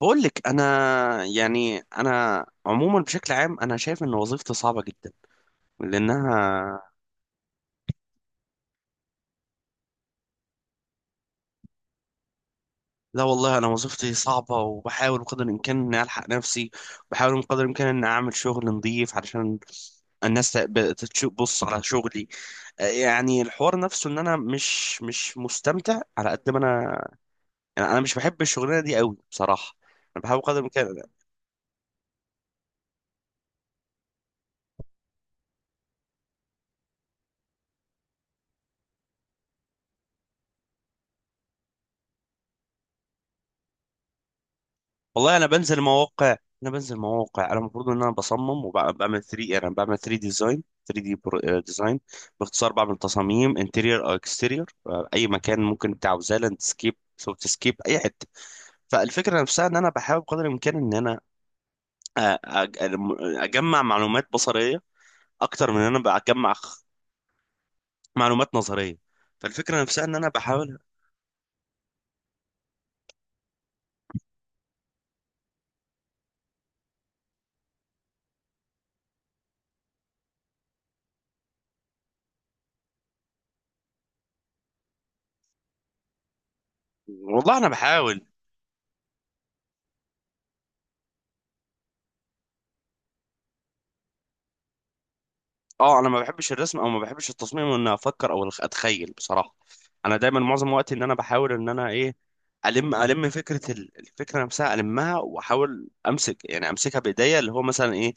بقول لك انا، يعني انا عموما بشكل عام، انا شايف ان وظيفتي صعبه جدا لانها. لا والله، انا وظيفتي صعبه، وبحاول بقدر الامكان اني الحق نفسي. بحاول بقدر الامكان اني اعمل شغل نظيف، علشان الناس تشوف. بص على شغلي. آه، يعني الحوار نفسه ان انا مش مستمتع على قد ما انا، يعني انا مش بحب الشغلانه دي قوي بصراحه. انا بحاول بقدر الامكان. والله، انا بنزل مواقع. انا المفروض ان انا بصمم، وبعمل 3، انا بعمل 3 ديزاين، 3 دي ديزاين. باختصار بعمل تصاميم انتيرير او اكستيرير، اي مكان ممكن انت عاوزاه، لاندسكيب، سوفت سكيب، اي حته. فالفكره نفسها ان انا بحاول قدر الامكان ان انا أ- أ- اجمع معلومات بصريه، اكتر من ان انا بجمع معلومات نظريه. فالفكره نفسها ان انا بحاول. والله انا بحاول. اه، انا ما بحبش الرسم، او ما بحبش التصميم، ان افكر او اتخيل بصراحه. انا دايما معظم وقتي ان انا بحاول ان انا ايه، الفكره نفسها المها، واحاول امسك، يعني امسكها بايديا، اللي هو مثلا ايه،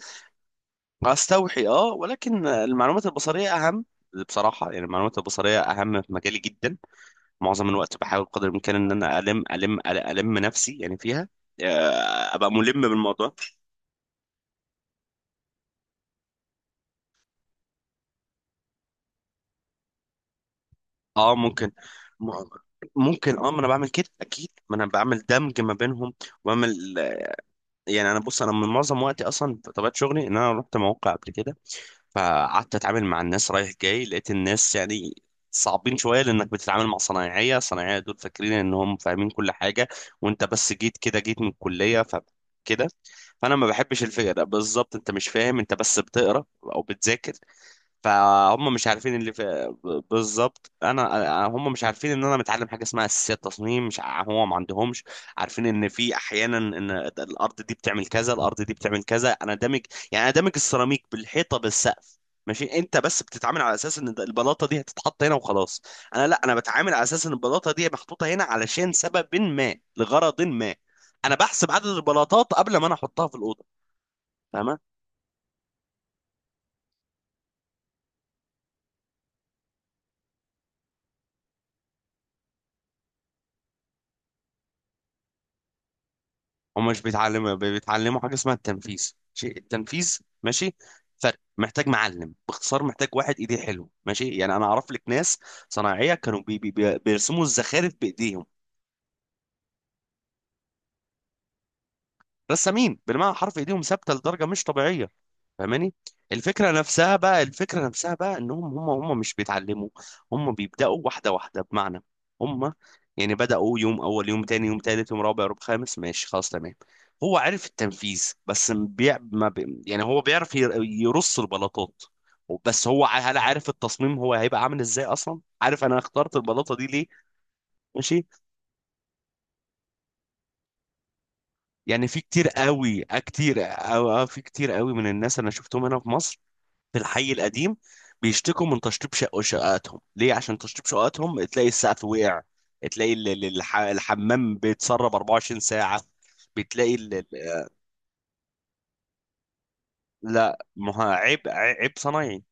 استوحي، اه. ولكن المعلومات البصريه اهم بصراحه. يعني المعلومات البصريه اهم في مجالي جدا. معظم الوقت بحاول قدر الامكان ان انا الم نفسي يعني فيها. آه، ابقى ملم بالموضوع. اه ممكن. م- ممكن، اه. ما انا بعمل كده اكيد، ما انا بعمل دمج ما بينهم وبعمل، يعني. انا بص، انا من معظم وقتي اصلا طبيعه شغلي ان انا رحت مواقع قبل كده، فقعدت اتعامل مع الناس رايح جاي، لقيت الناس يعني صعبين شويه، لانك بتتعامل مع صنايعيه دول فاكرين انهم فاهمين كل حاجه، وانت بس جيت كده، جيت من الكليه، ف كده. فانا ما بحبش الفكره ده بالظبط. انت مش فاهم، انت بس بتقرا او بتذاكر، فهم مش عارفين اللي في بالظبط. انا هم مش عارفين ان انا متعلم حاجه اسمها اساسيات تصميم، مش ع- هو ما عندهمش. عارفين ان في احيانا ان الارض دي بتعمل كذا، الارض دي بتعمل كذا. انا دامج، يعني انا دامج السيراميك بالحيطه بالسقف. ماشي، انت بس بتتعامل على اساس ان البلاطه دي هتتحط هنا وخلاص. انا لا، انا بتعامل على اساس ان البلاطه دي محطوطه هنا علشان سبب ما، لغرض ما. انا بحسب عدد البلاطات قبل ما انا احطها في الاوضه. تمام. هم مش بيتعلموا، بيتعلموا حاجه اسمها التنفيذ. شيء التنفيذ ماشي، فرق محتاج معلم. باختصار محتاج واحد ايديه حلو ماشي. يعني انا اعرف لك ناس صناعيه كانوا بيرسموا الزخارف بايديهم. رسامين بالمعنى حرف، ايديهم ثابته لدرجه مش طبيعيه. فاهماني؟ الفكره نفسها بقى انهم هم مش بيتعلموا. هم بيبداوا واحده واحده، بمعنى، هم يعني بداوا يوم اول، يوم تاني، يوم تالت، يوم رابع، يوم خامس، ماشي خلاص تمام. هو عرف التنفيذ بس، م- بيع ما بي يعني هو بيعرف يرص البلاطات. بس هو هل عارف التصميم؟ هو هيبقى عامل ازاي اصلا؟ عارف انا اخترت البلاطه دي ليه؟ ماشي. يعني في كتير قوي، آه، كتير، آه، آه، في كتير قوي من الناس انا شفتهم هنا في مصر في الحي القديم بيشتكوا من تشطيب شققاتهم. ليه؟ عشان تشطيب شققاتهم تلاقي السقف وقع، تلاقي الحمام بيتسرب 24 ساعة. بتلاقي لا، ما هو عيب، عيب صنايعي.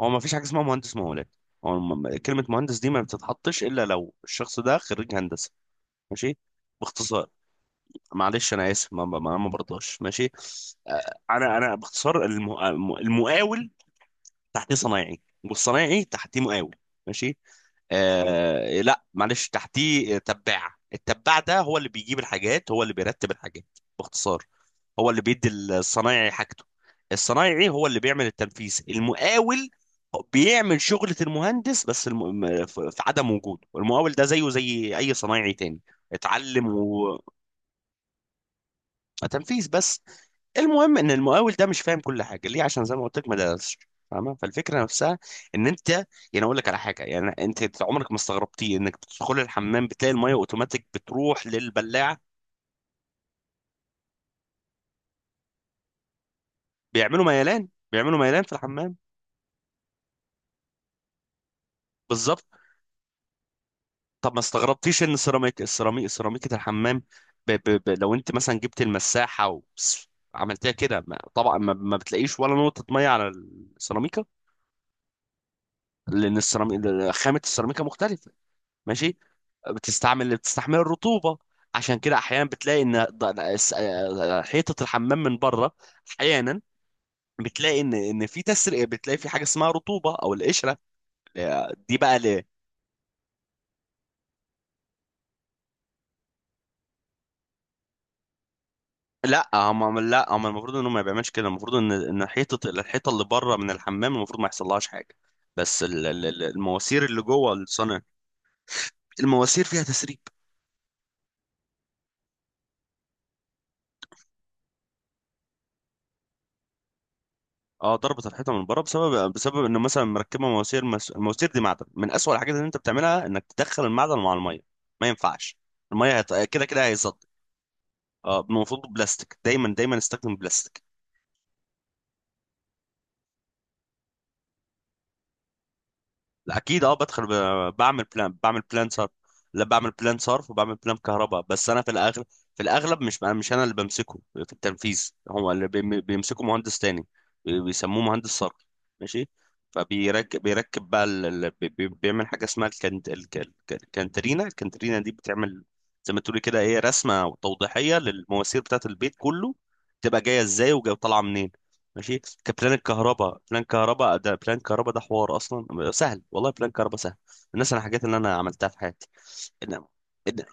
هو ما فيش حاجة اسمها مهندس مقاولات. هو كلمة مهندس دي ما بتتحطش إلا لو الشخص ده خريج هندسة. ماشي. باختصار. معلش أنا آسف. ما برضاش ماشي. آه، أنا باختصار، المقاول تحتيه صنايعي، والصنايعي تحتيه مقاول. ماشي. آه لا معلش، تحتيه تباع. التباع ده هو اللي بيجيب الحاجات، هو اللي بيرتب الحاجات. باختصار هو اللي بيدي الصنايعي حاجته. الصنايعي هو اللي بيعمل التنفيذ. المقاول بيعمل شغلة المهندس، بس في في عدم وجوده المقاول ده زيه زي أي صنايعي تاني، اتعلم تنفيذ بس. المهم ان المقاول ده مش فاهم كل حاجه. ليه؟ عشان زي ما قلت لك، ما درسش، فاهمه؟ فالفكره نفسها ان انت، يعني اقول لك على حاجه، يعني انت عمرك ما استغربتي انك تدخل الحمام بتلاقي الميه اوتوماتيك بتروح للبلاعه؟ بيعملوا ميلان في الحمام. بالظبط. طب ما استغربتيش ان السيراميك سيراميكه الحمام، لو انت مثلا جبت المساحه و... عملتها كده، ما... طبعا ما... ما بتلاقيش ولا نقطه ميه على السيراميكا. لان السيراميك خامه السيراميكا مختلفه، ماشي. بتستحمل الرطوبة. عشان كده احيانا بتلاقي ان حيطة الحمام من بره، احيانا بتلاقي ان في تسريب، بتلاقي في حاجة اسمها رطوبة او القشرة. آه، دي بقى ليه؟ لا هم، لا هم المفروض انهم ما بيعملش كده. المفروض ان حيطة، الحيطة اللي بره من الحمام المفروض ما يحصلهاش حاجة. بس المواسير اللي جوه الصنع، المواسير فيها تسريب. اه ضربت الحيطه من بره بسبب، بسبب انه مثلا مركبه مواسير، المواسير دي معدن. من اسوأ الحاجات اللي انت بتعملها انك تدخل المعدن مع الميه. ما ينفعش، الميه هت... كده كده هيصد. اه المفروض بلاستيك، دايما دايما استخدم بلاستيك. لا اكيد، اه بدخل، بعمل بلان، بعمل بلان صرف. لا بعمل بلان صرف، وبعمل بلان كهرباء. بس انا في الاغلب، في الاغلب مش انا، مش انا اللي بمسكه في التنفيذ. هو اللي بيمسكه مهندس تاني. بيسموه مهندس صرف. ماشي. فبيركب، بقى، بيعمل حاجه اسمها الكنترينا. الكنترينا دي بتعمل زي ما تقولي كده ايه، رسمه توضيحيه للمواسير بتاعت البيت كله، تبقى جايه ازاي وجايه طالعه منين. ماشي. كبلان الكهرباء بلان كهرباء ده بلان كهرباء ده حوار اصلا سهل، والله بلان كهرباء سهل. الناس، انا الحاجات اللي انا عملتها في حياتي، إن، إن،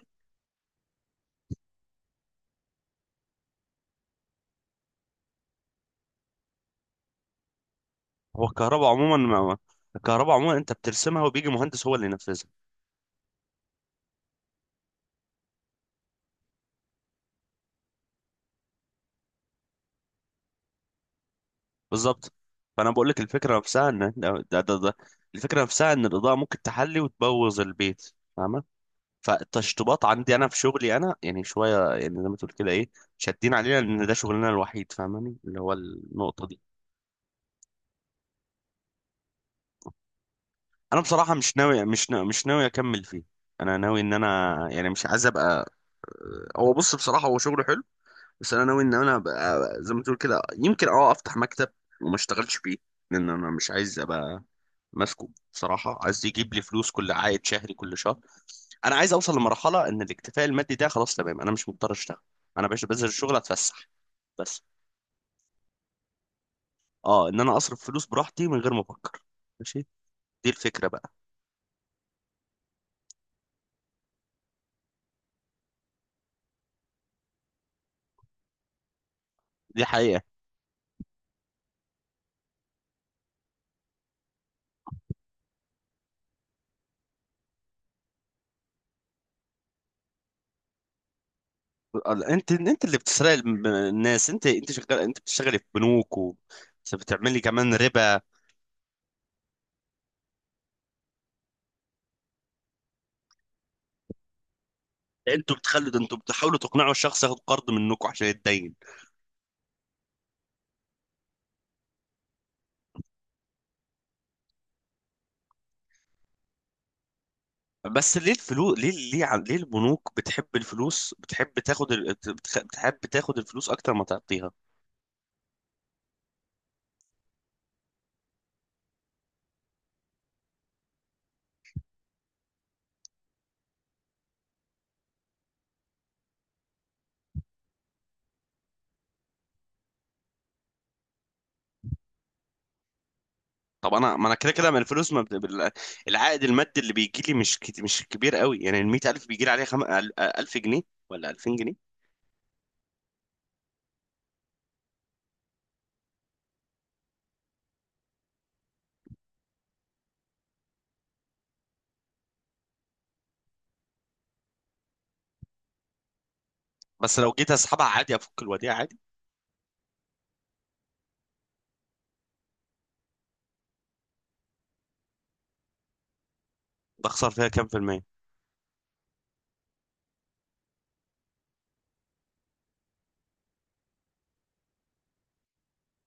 هو الكهرباء عموما الكهرباء عموما انت بترسمها، وبيجي مهندس هو اللي ينفذها. بالظبط. فانا بقول لك الفكره نفسها ان ده ده ده الفكره نفسها ان الاضاءه ممكن تحلي وتبوظ البيت، فاهمه؟ فالتشطيبات عندي انا، في شغلي انا، يعني شويه يعني زي ما تقول كده ايه، شادين علينا ان ده شغلنا الوحيد، فاهماني؟ اللي هو النقطه. انا بصراحه مش ناوي اكمل فيه. انا ناوي ان انا، يعني مش عايز ابقى. هو بص بصراحه، هو شغله حلو، بس انا ناوي ان انا ابقى زي ما تقول كده، يمكن اه افتح مكتب وما اشتغلش فيه. لان انا مش عايز ابقى ماسكه بصراحه، عايز يجيب لي فلوس، كل عائد شهري كل شهر. انا عايز اوصل لمرحله ان الاكتفاء المادي ده خلاص تمام، انا مش مضطر اشتغل. انا باش بنزل الشغل اتفسح بس. اه، ان انا اصرف فلوس براحتي من غير ما افكر. ماشي. دي الفكره بقى. دي حقيقه. انت، اللي بتسرق الناس. انت شغال، انت بتشتغلي في بنوك، و بتعملي كمان ربا. انتوا بتخلوا ده، انتوا بتحاولوا تقنعوا الشخص ياخد قرض منكم عشان يتدين. بس ليه الفلوس؟ ليه ليه البنوك بتحب الفلوس؟ بتحب تاخد بتحب تاخد الفلوس اكتر ما تعطيها. طب انا ما انا كده كده من الفلوس، ما بت- بال- العائد المادي اللي بيجي لي مش مش كبير قوي. يعني ال 100,000 بيجي لي عليها 1000 جنيه ولا 2000 جنيه. بس لو جيت اسحبها عادي، افك الوديعه عادي؟ بخسر فيها كام في المية؟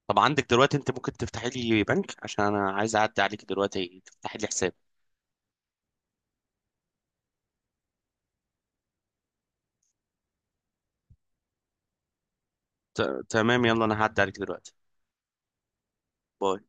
طب عندك دلوقتي انت ممكن تفتحي لي بنك، عشان انا عايز اعدي عليك دلوقتي تفتحي لي حساب؟ ت... تمام، يلا انا هعدي عليك دلوقتي. باي.